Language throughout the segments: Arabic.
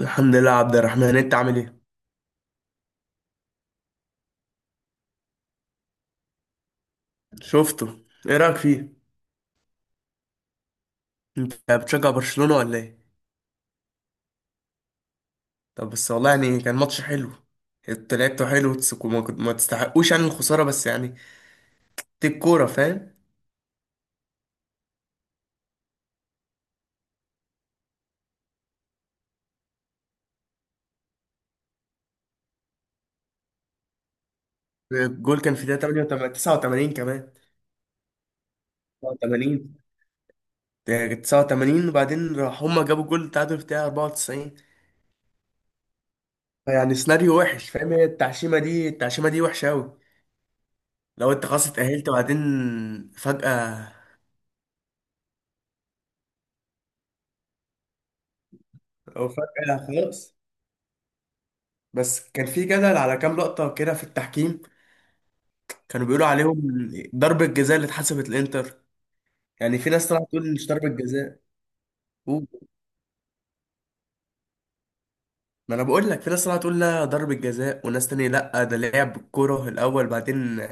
الحمد لله يا عبد الرحمن، انت عامل ايه؟ شفته. ايه رايك فيه؟ انت بتشجع برشلونة ولا ايه؟ طب بس والله يعني كان ماتش حلو. انت لعبته حلو، ما تستحقوش يعني الخسارة بس يعني دي الكورة، فاهم. الجول كان في دقيقة 88، 89 كمان. 89. ده كانت 89، وبعدين راح هما جابوا جول التعادل في دقيقة 94. يعني سيناريو وحش، فاهم. هي التعشيمة دي وحشة أوي. لو انت خلاص اتأهلت وبعدين فجأة، أو فجأة خلاص. بس كان في جدل على كام لقطة كده في التحكيم. كانوا بيقولوا عليهم ضربة جزاء اللي اتحسبت الانتر. يعني في ناس طلعت تقول مش ضربة جزاء. و- ما انا بقول لك في ناس طلعت تقول لا ضربة جزاء، وناس تانية لا، ده لعب بالكرة الاول بعدين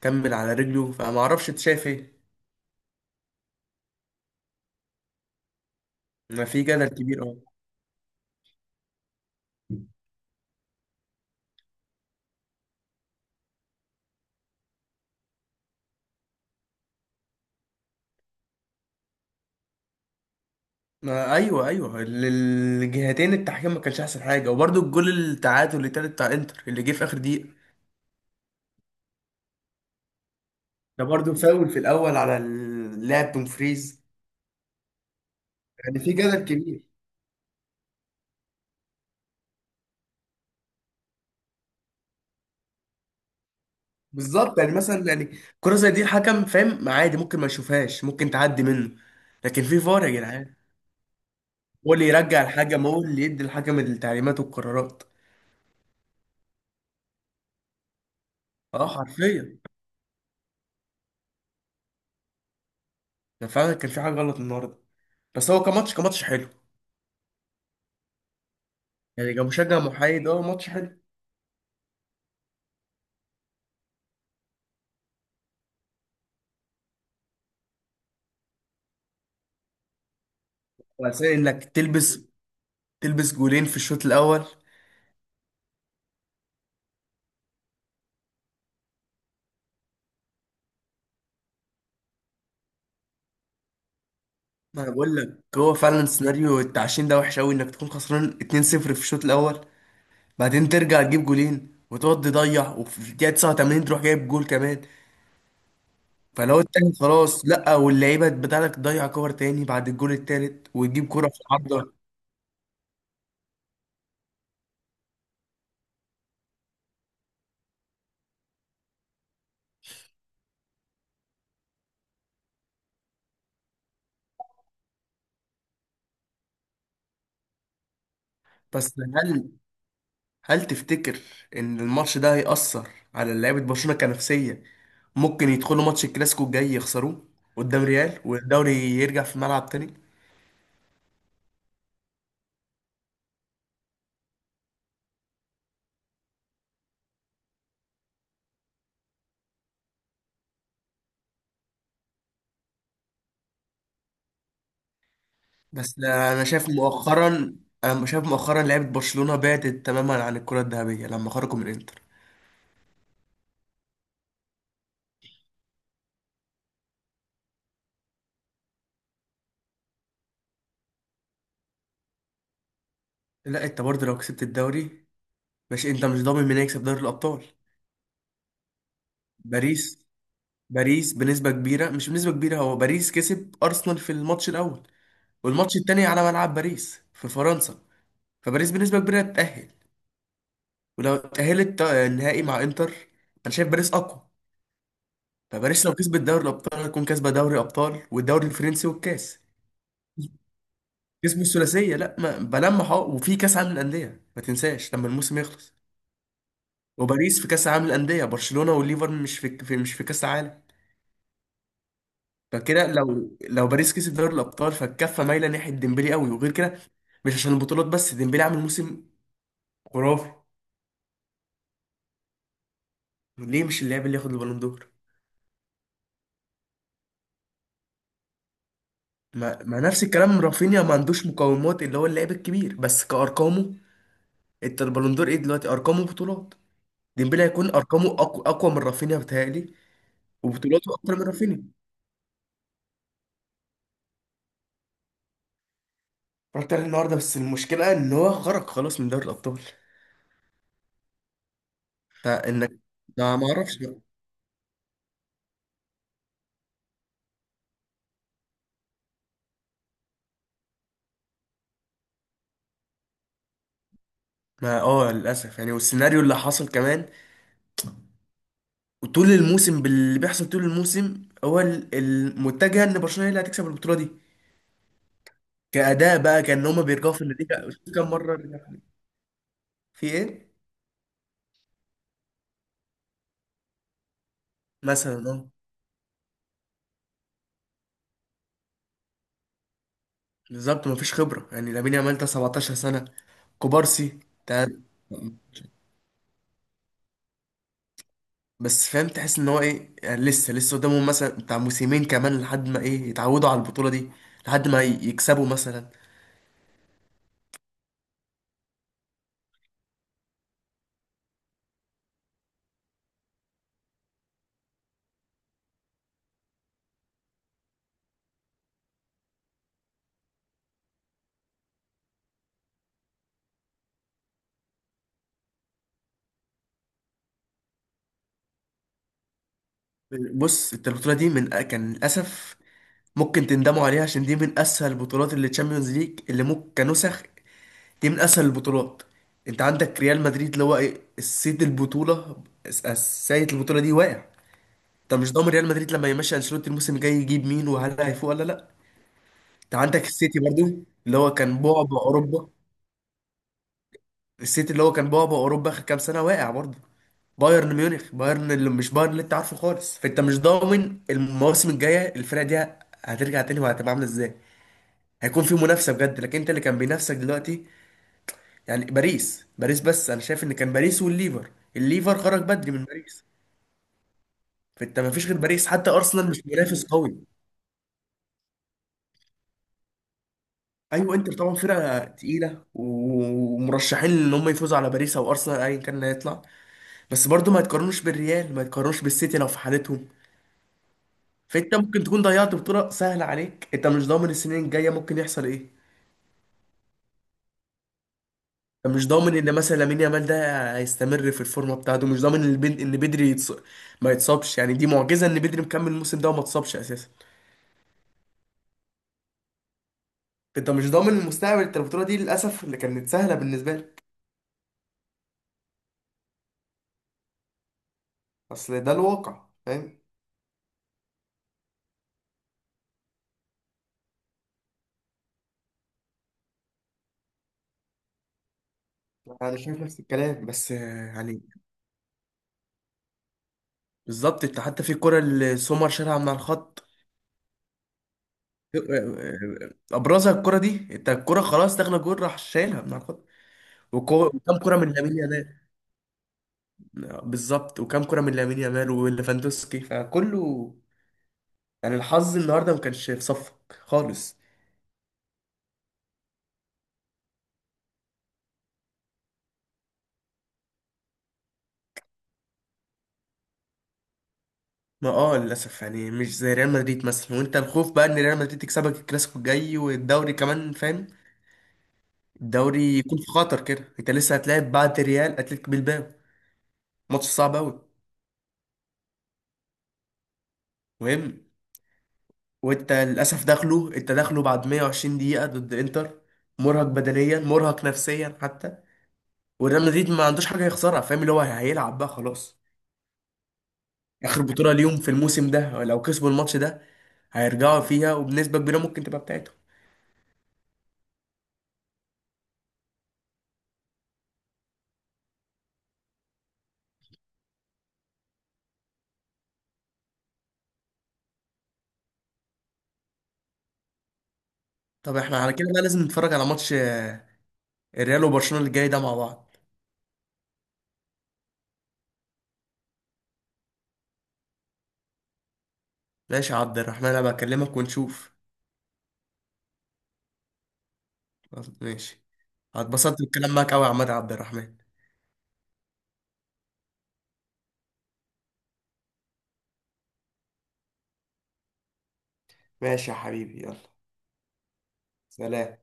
كمل على رجله، فما اعرفش انت شايف ايه. ما في جدل كبير، اه. ما ايوه ايوه، الجهتين، التحكيم ما كانش احسن حاجة، وبرده الجول التعادل اللي تالت بتاع انتر اللي جه في اخر دقيقة. ده برده فاول في الاول على اللاعب دومفريز. يعني في جدل كبير. بالظبط يعني مثلا يعني كرة زي دي الحكم فاهم عادي ممكن ما يشوفهاش، ممكن تعدي منه. لكن في فار يا جدعان. هو اللي يرجع الحكم، هو اللي يدي الحكم التعليمات والقرارات. اه حرفيا. ده فعلا كان في حاجة غلط النهارده. بس هو كماتش حلو. يعني كمشجع محايد اه ماتش حلو. بس انك تلبس جولين في الشوط الاول. ما انا بقول لك هو فعلا سيناريو التعشين ده وحش قوي، انك تكون خسران 2-0 في الشوط الاول، بعدين ترجع تجيب جولين وتقعد تضيع، وفي الدقيقة 89 تروح جايب جول كمان. فلو التاني خلاص لا، واللعيبه بتاعتك تضيع كور تاني بعد الجول التالت، وتجيب كرة في العارضه. بس هل تفتكر ان الماتش ده هيأثر على لعيبه برشلونه كنفسيه؟ ممكن يدخلوا ماتش الكلاسيكو الجاي يخسروه قدام ريال، والدوري يرجع في الملعب تاني. بس انا شايف مؤخرا انا شايف مؤخرا لعيبه برشلونه بعدت تماما عن الكرة الذهبيه لما خرجوا من انتر. لا انت برضه لو كسبت الدوري مش انت مش ضامن مين هيكسب دوري الابطال. باريس باريس بنسبة كبيرة، مش بنسبة كبيرة، هو باريس كسب أرسنال في الماتش الأول، والماتش التاني على ملعب باريس في فرنسا. فباريس بنسبة كبيرة تتأهل. ولو اتأهلت النهائي مع إنتر، أنا شايف باريس أقوى. فباريس لو كسبت دوري الأبطال هتكون كاسبة دوري أبطال والدوري الفرنسي والكاس. كسبوا الثلاثية. لا ما بلمح، أهو وفي كأس عالم الأندية ما تنساش لما الموسم يخلص. وباريس في كأس عالم الأندية، برشلونة والليفر مش في كأس عالم. فكده لو باريس كسب دوري الابطال فالكفه مايله ناحيه ديمبلي قوي. وغير كده، مش عشان البطولات بس، ديمبلي عامل موسم خرافي. ليه مش اللاعب اللي ياخد البالون دور؟ ما نفس الكلام رافينيا ما عندوش مقومات اللي هو اللاعب الكبير، بس كارقامه. انت البالون دور ايه دلوقتي؟ ارقامه بطولات. ديمبلي هيكون ارقامه اقوى اقوى من رافينيا بتهيألي. وبطولاته اكتر من رافينيا. رحت عليه النهارده، بس المشكله ان هو خرج خلاص من دوري الابطال. فانك ما اعرفش بقى. ما اه للاسف يعني، والسيناريو اللي حصل كمان. وطول الموسم باللي بيحصل طول الموسم هو المتجه ان برشلونه هي اللي هتكسب البطوله دي. كاداء بقى كان هما بيرجعوا في النتيجه. كام مره رجعوا في النتيجة. في ايه مثلا اه. بالظبط مفيش خبره. يعني لامين يامال ده 17 سنه، كوبارسي ده. بس فاهم تحس ان هو ايه، يعني لسه لسه قدامهم مثلا بتاع موسمين كمان لحد ما ايه يتعودوا على البطوله دي، لحد ما يكسبوا مثلا. بص انت البطوله دي من كان للاسف ممكن تندموا عليها، عشان دي من اسهل البطولات، اللي تشامبيونز ليج اللي ممكن كنسخ. دي من اسهل البطولات. انت عندك ريال مدريد اللي هو ايه السيد البطوله، السيد البطوله دي واقع. انت مش ضامن ريال مدريد لما يمشي انشيلوتي الموسم الجاي يجيب مين، وهل هيفوق ولا لا. انت عندك السيتي برضو اللي هو كان بعبع اوروبا. السيتي اللي هو كان بعبع اوروبا اخر كام سنه واقع برضو. بايرن ميونخ، بايرن اللي مش بايرن اللي انت عارفه خالص. فانت مش ضامن المواسم الجايه الفرقه دي هترجع تاني وهتبقى عامله ازاي. هيكون في منافسه بجد، لكن انت اللي كان بينافسك دلوقتي يعني باريس بس انا شايف ان كان باريس والليفر، الليفر خرج بدري من باريس. فانت ما فيش غير باريس، حتى ارسنال مش منافس قوي. ايوه انتر طبعا فرقه تقيله ومرشحين ان هم يفوزوا على باريس او ارسنال ايا كان اللي هيطلع. بس برضو ما يتقارنوش بالريال، ما يتقارنوش بالسيتي لو في حالتهم. فانت ممكن تكون ضيعت بطوله سهله عليك، انت مش ضامن السنين الجايه ممكن يحصل ايه. انت مش ضامن ان مثلا لامين يامال ده هيستمر في الفورمه بتاعته، مش ضامن ان بدري ما يتصابش. يعني دي معجزه ان بدري مكمل الموسم ده وما اتصابش اساسا. انت مش ضامن المستقبل. انت البطوله دي للاسف اللي كانت سهله بالنسبه لك. اصل ده الواقع فاهم. انا شايف نفس الكلام، بس يعني بالظبط. انت حتى في الكره اللي سومر شالها من على الخط، آه، آه. آه، ابرزها الكره دي، انت الكره خلاص داخله جول راح شايلها من على الخط. وكام كرة من لامين يامال. بالظبط وكام كرة من لامين يامال وليفاندوسكي فكله. يعني الحظ النهارده ما كانش في صفك خالص. ما اه للاسف يعني، مش زي ريال مدريد مثلا. وانت الخوف بقى ان ريال مدريد تكسبك الكلاسيكو الجاي والدوري كمان، فاهم. الدوري يكون في خطر كده، انت لسه هتلاعب بعد ريال اتلتيك بالباو. ماتش صعب قوي. مهم. وانت للاسف داخله بعد 120 دقيقة ضد انتر. مرهق بدنيا، مرهق نفسيا حتى. والريال مدريد ما عندوش حاجه يخسرها، فاهم. اللي هو هيلعب بقى خلاص. اخر بطوله ليهم في الموسم ده، لو كسبوا الماتش ده هيرجعوا فيها، وبنسبه كبيره ممكن تبقى بتاعتهم. طب احنا على كده بقى لازم نتفرج على ماتش الريال وبرشلونه اللي جاي ده مع بعض. ماشي يا عبد الرحمن، انا بكلمك ونشوف. خلاص، ماشي. هتبسطت بالكلام معاك قوي يا عماد عبد الرحمن. ماشي يا حبيبي، يلا. سلام.